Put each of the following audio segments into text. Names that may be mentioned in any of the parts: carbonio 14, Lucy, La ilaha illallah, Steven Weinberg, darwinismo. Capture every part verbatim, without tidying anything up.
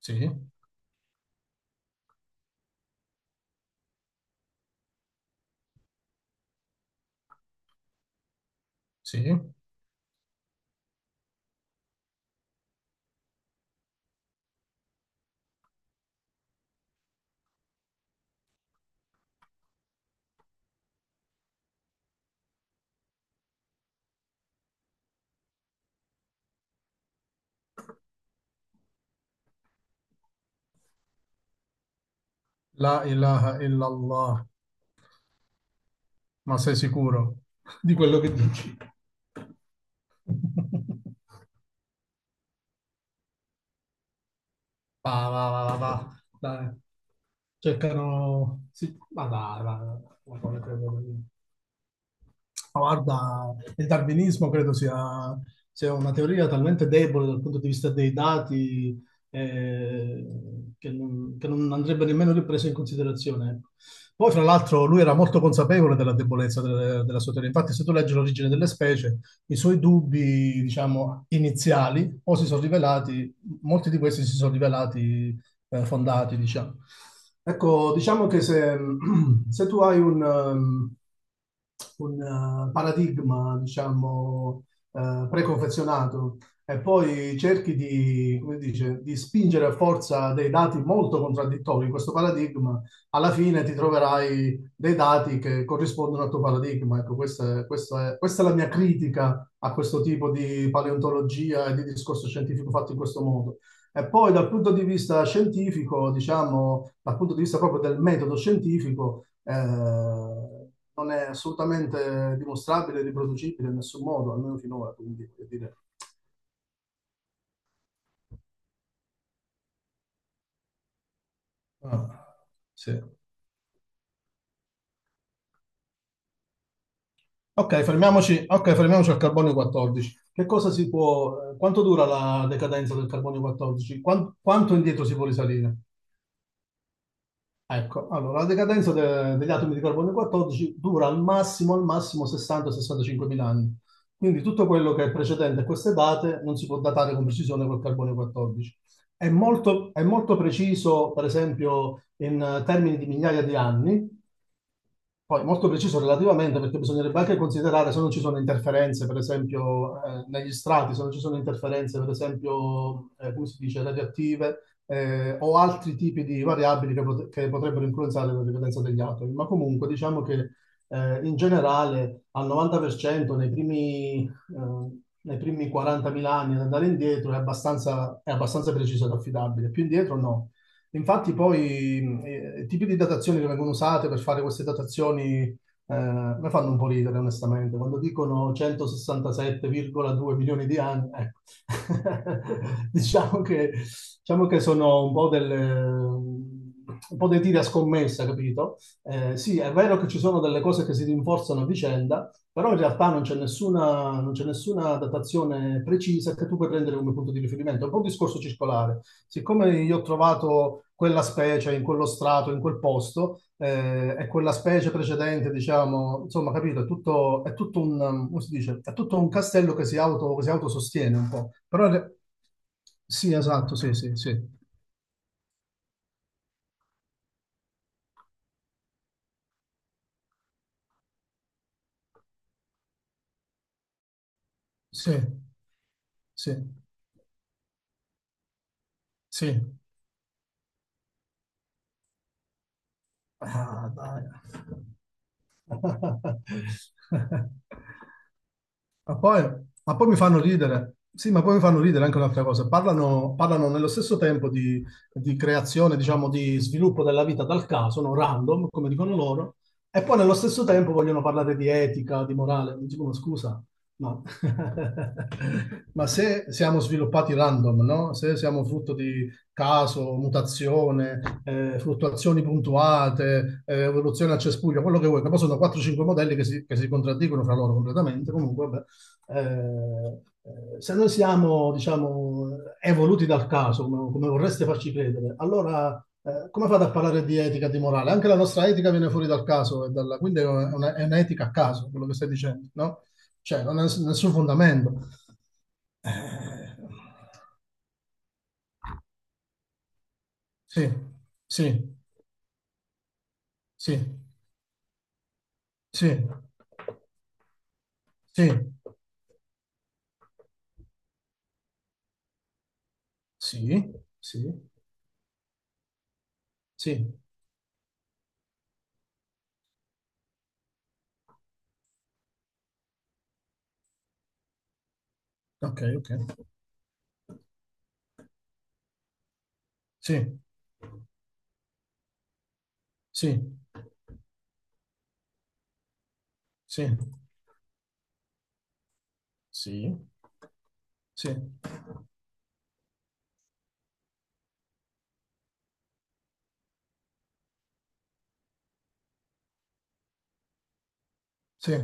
Sì, sì. La ilaha illallah. Ma sei sicuro di quello che dici? Va, va, va, va, va. Dai. Cercano... Sì. Ma dai, va, va. Ma come credo? Ma guarda, il darwinismo credo sia, sia una teoria talmente debole dal punto di vista dei dati eh, che, non, che non andrebbe nemmeno ripresa in considerazione. Ecco. Poi, fra l'altro, lui era molto consapevole della debolezza delle- della sua teoria. Infatti, se tu leggi l'origine delle specie, i suoi dubbi, diciamo, iniziali, o si sono rivelati, molti di questi si sono rivelati eh, fondati, diciamo. Ecco, diciamo che se se tu hai un, ehm, un, eh, paradigma, diciamo, eh, preconfezionato e poi cerchi di, come dice, di spingere a forza dei dati molto contraddittori in questo paradigma, alla fine ti troverai dei dati che corrispondono al tuo paradigma. Ecco, questa è, questa è- questa è la mia critica a questo tipo di paleontologia e di discorso scientifico fatto in questo modo. E poi dal punto di vista scientifico, diciamo, dal punto di vista proprio del metodo scientifico, eh, non è assolutamente dimostrabile, e riproducibile in nessun modo, almeno finora, quindi voglio dire. Ah, sì. Ok, fermiamoci, ok, fermiamoci al carbonio quattordici. Che cosa si può, quanto dura la decadenza del carbonio quattordici? Quan- quanto indietro si può risalire? Ecco, allora la decadenza de- degli atomi di carbonio quattordici dura al massimo, al massimo sessanta sessantacinque mila anni. Quindi tutto quello che è precedente a queste date non si può datare con precisione col carbonio quattordici. È molto, è molto preciso, per esempio, in eh, termini di migliaia di anni, poi molto preciso relativamente perché bisognerebbe anche considerare se non ci sono interferenze, per esempio, eh, negli strati, se non ci sono interferenze, per esempio, eh, come si dice, radioattive eh, o altri tipi di variabili che, pot- che potrebbero influenzare la ripetenza degli atomi. Ma comunque diciamo che eh, in generale al novanta per cento nei primi, eh, nei primi quarantamila anni ad andare indietro è abbastanza, è abbastanza preciso ed affidabile. Più indietro no. Infatti poi eh, i tipi di datazioni che vengono usate per fare queste datazioni eh, mi fanno un po' ridere, onestamente. Quando dicono centosessantasette virgola due milioni di anni, ecco. diciamo che, diciamo che sono un po' delle... Un po' dei tiri a scommessa, capito? Eh, sì, è vero che ci sono delle cose che si rinforzano a vicenda, però in realtà non c'è nessuna, non c'è nessuna datazione precisa che tu puoi prendere come punto di riferimento. È un po' un discorso circolare siccome io ho trovato quella specie in quello strato, in quel posto, eh, e quella specie precedente, diciamo, insomma, capito, è tutto, è tutto un, um, come si dice, è tutto un castello che si auto, che si autosostiene un po'. Però, re- sì, esatto, sì, sì, sì, sì, sì, sì. Ah, dai. Ma poi, ma poi mi fanno ridere. Sì, ma poi mi fanno ridere anche un'altra cosa. Parlano, parlano nello stesso tempo di, di creazione, diciamo, di sviluppo della vita dal caso, no? Random, come dicono loro, e poi nello stesso tempo vogliono parlare di etica, di morale. Mi dicono, scusa, ma, ma se siamo sviluppati random, no? Se siamo frutto di caso, mutazione, eh, fluttuazioni puntuate, eh, evoluzione a cespuglio, quello che vuoi, che poi sono quattro o cinque modelli che si, che si contraddicono fra loro completamente, comunque, vabbè. Eh, eh, se noi siamo, diciamo, evoluti dal caso, come, come vorreste farci credere, allora eh, come fate a parlare di etica e di morale? Anche la nostra etica viene fuori dal caso, e dalla, quindi è, una, è un'etica a caso quello che stai dicendo, no? Cioè, non ha ness- nessun fondamento. Eh, sì, sì, sì, sì, sì, sì, sì, sì, ok, ok, sì, sì, sì, sì, sì, sì, sì, sì,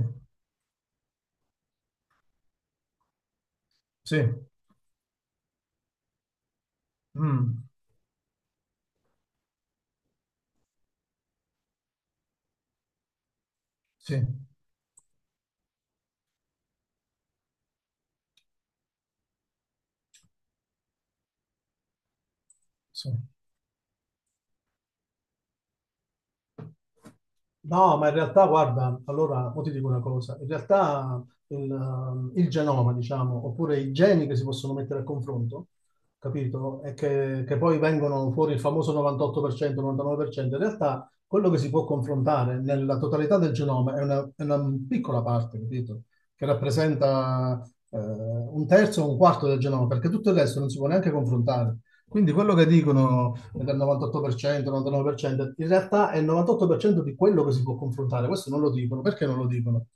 sì, mm, sì, sì. No, ma in realtà, guarda, allora, poi ti dico una cosa, in realtà il, ehm, il genoma, diciamo, oppure i geni che si possono mettere a confronto, capito? E che, che poi vengono fuori il famoso novantotto per cento, novantanove per cento, in realtà quello che si può confrontare nella totalità del genoma è una, è una piccola parte, capito? Che rappresenta eh, un terzo o un quarto del genoma, perché tutto il resto non si può neanche confrontare. Quindi quello che dicono del novantotto per cento, novantanove per cento, in realtà è il novantotto per cento di quello che si può confrontare. Questo non lo dicono. Perché non lo dicono?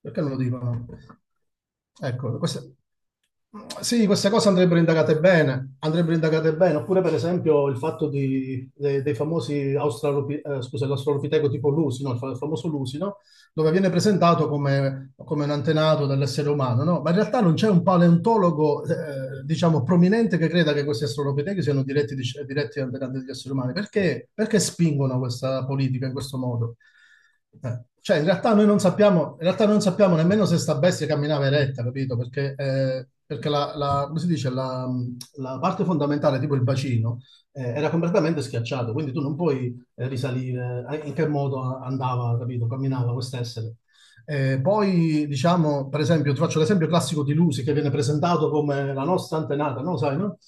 Perché non lo dicono? Ecco, queste- sì, queste cose andrebbero indagate bene, andrebbero indagate bene, oppure per esempio il fatto di- de- dei famosi australopi- eh, scusa, l'australopiteco tipo Lusi, no? Il fa- il famoso Lusi, no? Dove viene presentato come, come un antenato dell'essere umano, no? Ma in realtà non c'è un paleontologo, eh, diciamo, prominente che creda che questi australopitechi siano diretti, dic- diretti antenati degli esseri umani. Perché, perché spingono questa politica in questo modo? Eh, Cioè, in realtà noi non sappiamo, in realtà non sappiamo nemmeno se sta bestia camminava eretta, capito? Perché, eh, perché la, la- come si dice, la, la parte fondamentale, tipo il bacino, eh, era completamente schiacciato, quindi tu non puoi eh, risalire eh, in che modo andava, capito, camminava quest'essere. Eh, poi, diciamo, per esempio, ti faccio l'esempio classico di Lucy che viene presentato come la nostra antenata, no? Sai, no?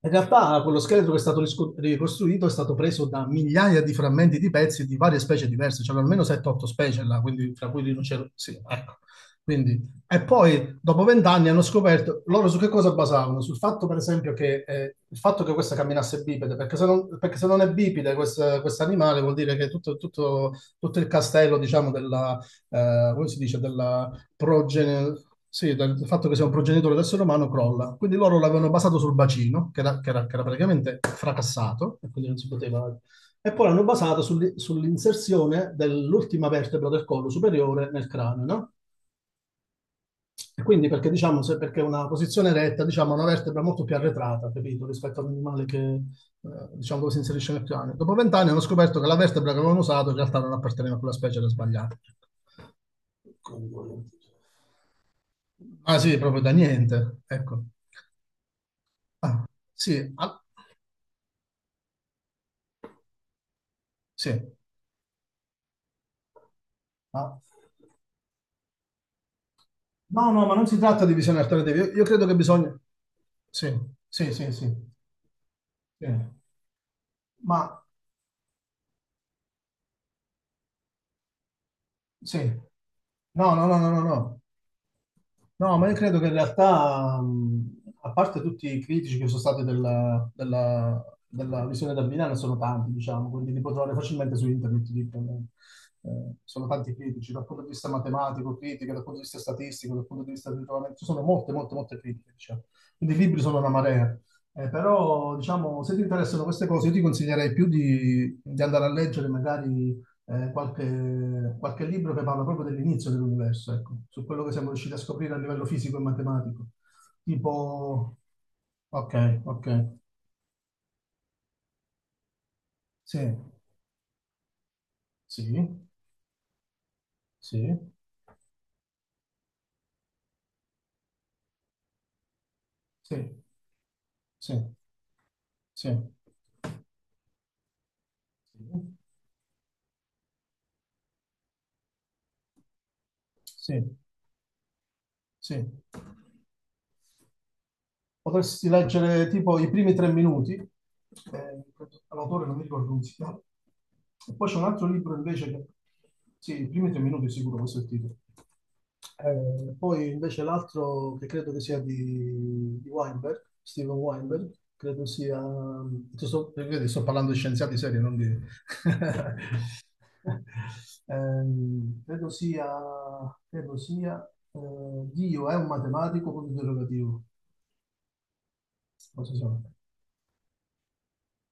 In realtà quello scheletro che è stato risco- ricostruito è stato preso da migliaia di frammenti di pezzi di varie specie diverse, c'erano almeno sette otto specie là, quindi, tra cui rinoceronti, sì, ecco. Quindi, e poi dopo vent'anni hanno scoperto loro su che cosa basavano? Sul fatto, per esempio, che eh, il fatto che questa camminasse bipede, perché se non, perché se non è bipede questo animale vuol dire che tutto, tutto- tutto il castello, diciamo, della, eh, come si dice, della progenie, sì, del del fatto che sia un progenitore d'essere umano crolla. Quindi loro l'avevano basato sul bacino, che era, che era- che era praticamente fracassato, e quindi non si poteva... E poi l'hanno basato sull- sull'inserzione dell'ultima vertebra del collo superiore nel cranio, no? E quindi perché diciamo, se perché una posizione retta, diciamo, ha una vertebra molto più arretrata, capito, rispetto all'animale che, eh, diciamo, dove si inserisce nel piano. Dopo vent'anni hanno scoperto che la vertebra che avevano usato in realtà non apparteneva a quella specie, era sbagliata. Ah sì, proprio da niente, ecco. Ah, sì, ah, sì. Ah. No, no, ma non si tratta di visioni alternative. Io, io credo che bisogna... Sì, sì, sì, sì. Sì. Ma sì. No, no, no, no, no, no. No, ma io credo che in realtà, mh, a parte tutti i critici che sono stati della, della- della visione da Milano, sono tanti, diciamo, quindi li puoi trovare facilmente su internet. Ti dicono. Eh, sono tanti critici dal punto di vista matematico, critiche, dal punto di vista statistico, dal punto di vista del ritrovamento, ci sono molte, molte, molte critiche, diciamo. Quindi i libri sono una marea. Eh, però, diciamo, se ti interessano queste cose, io ti consiglierei più di, di andare a leggere magari eh, qualche, qualche libro che parla proprio dell'inizio dell'universo, ecco, su quello che siamo riusciti a scoprire a livello fisico e matematico. Tipo, ok, ok, sì, sì, sì, sì, sì, sì, sì, sì, sì. Potresti leggere tipo i primi tre minuti, eh, l'autore non mi ricordo come si chiama. E poi c'è un altro libro invece che... Sì, i primi tre minuti sicuro, questo è il titolo. Eh, poi invece l'altro che credo che sia di, di Weinberg, Steven Weinberg, credo sia... ti Sto, vedi, sto parlando di scienziati seri, non di... Ehm, credo sia, credo sia eh, Dio è un matematico punto interrogativo. Non so se-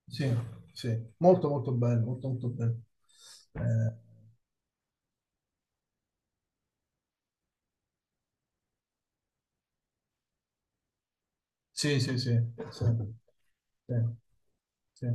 Sì, sì, molto molto bello, molto molto bello. Eh, sì, sì, sì, sì, sì, sì. Sì.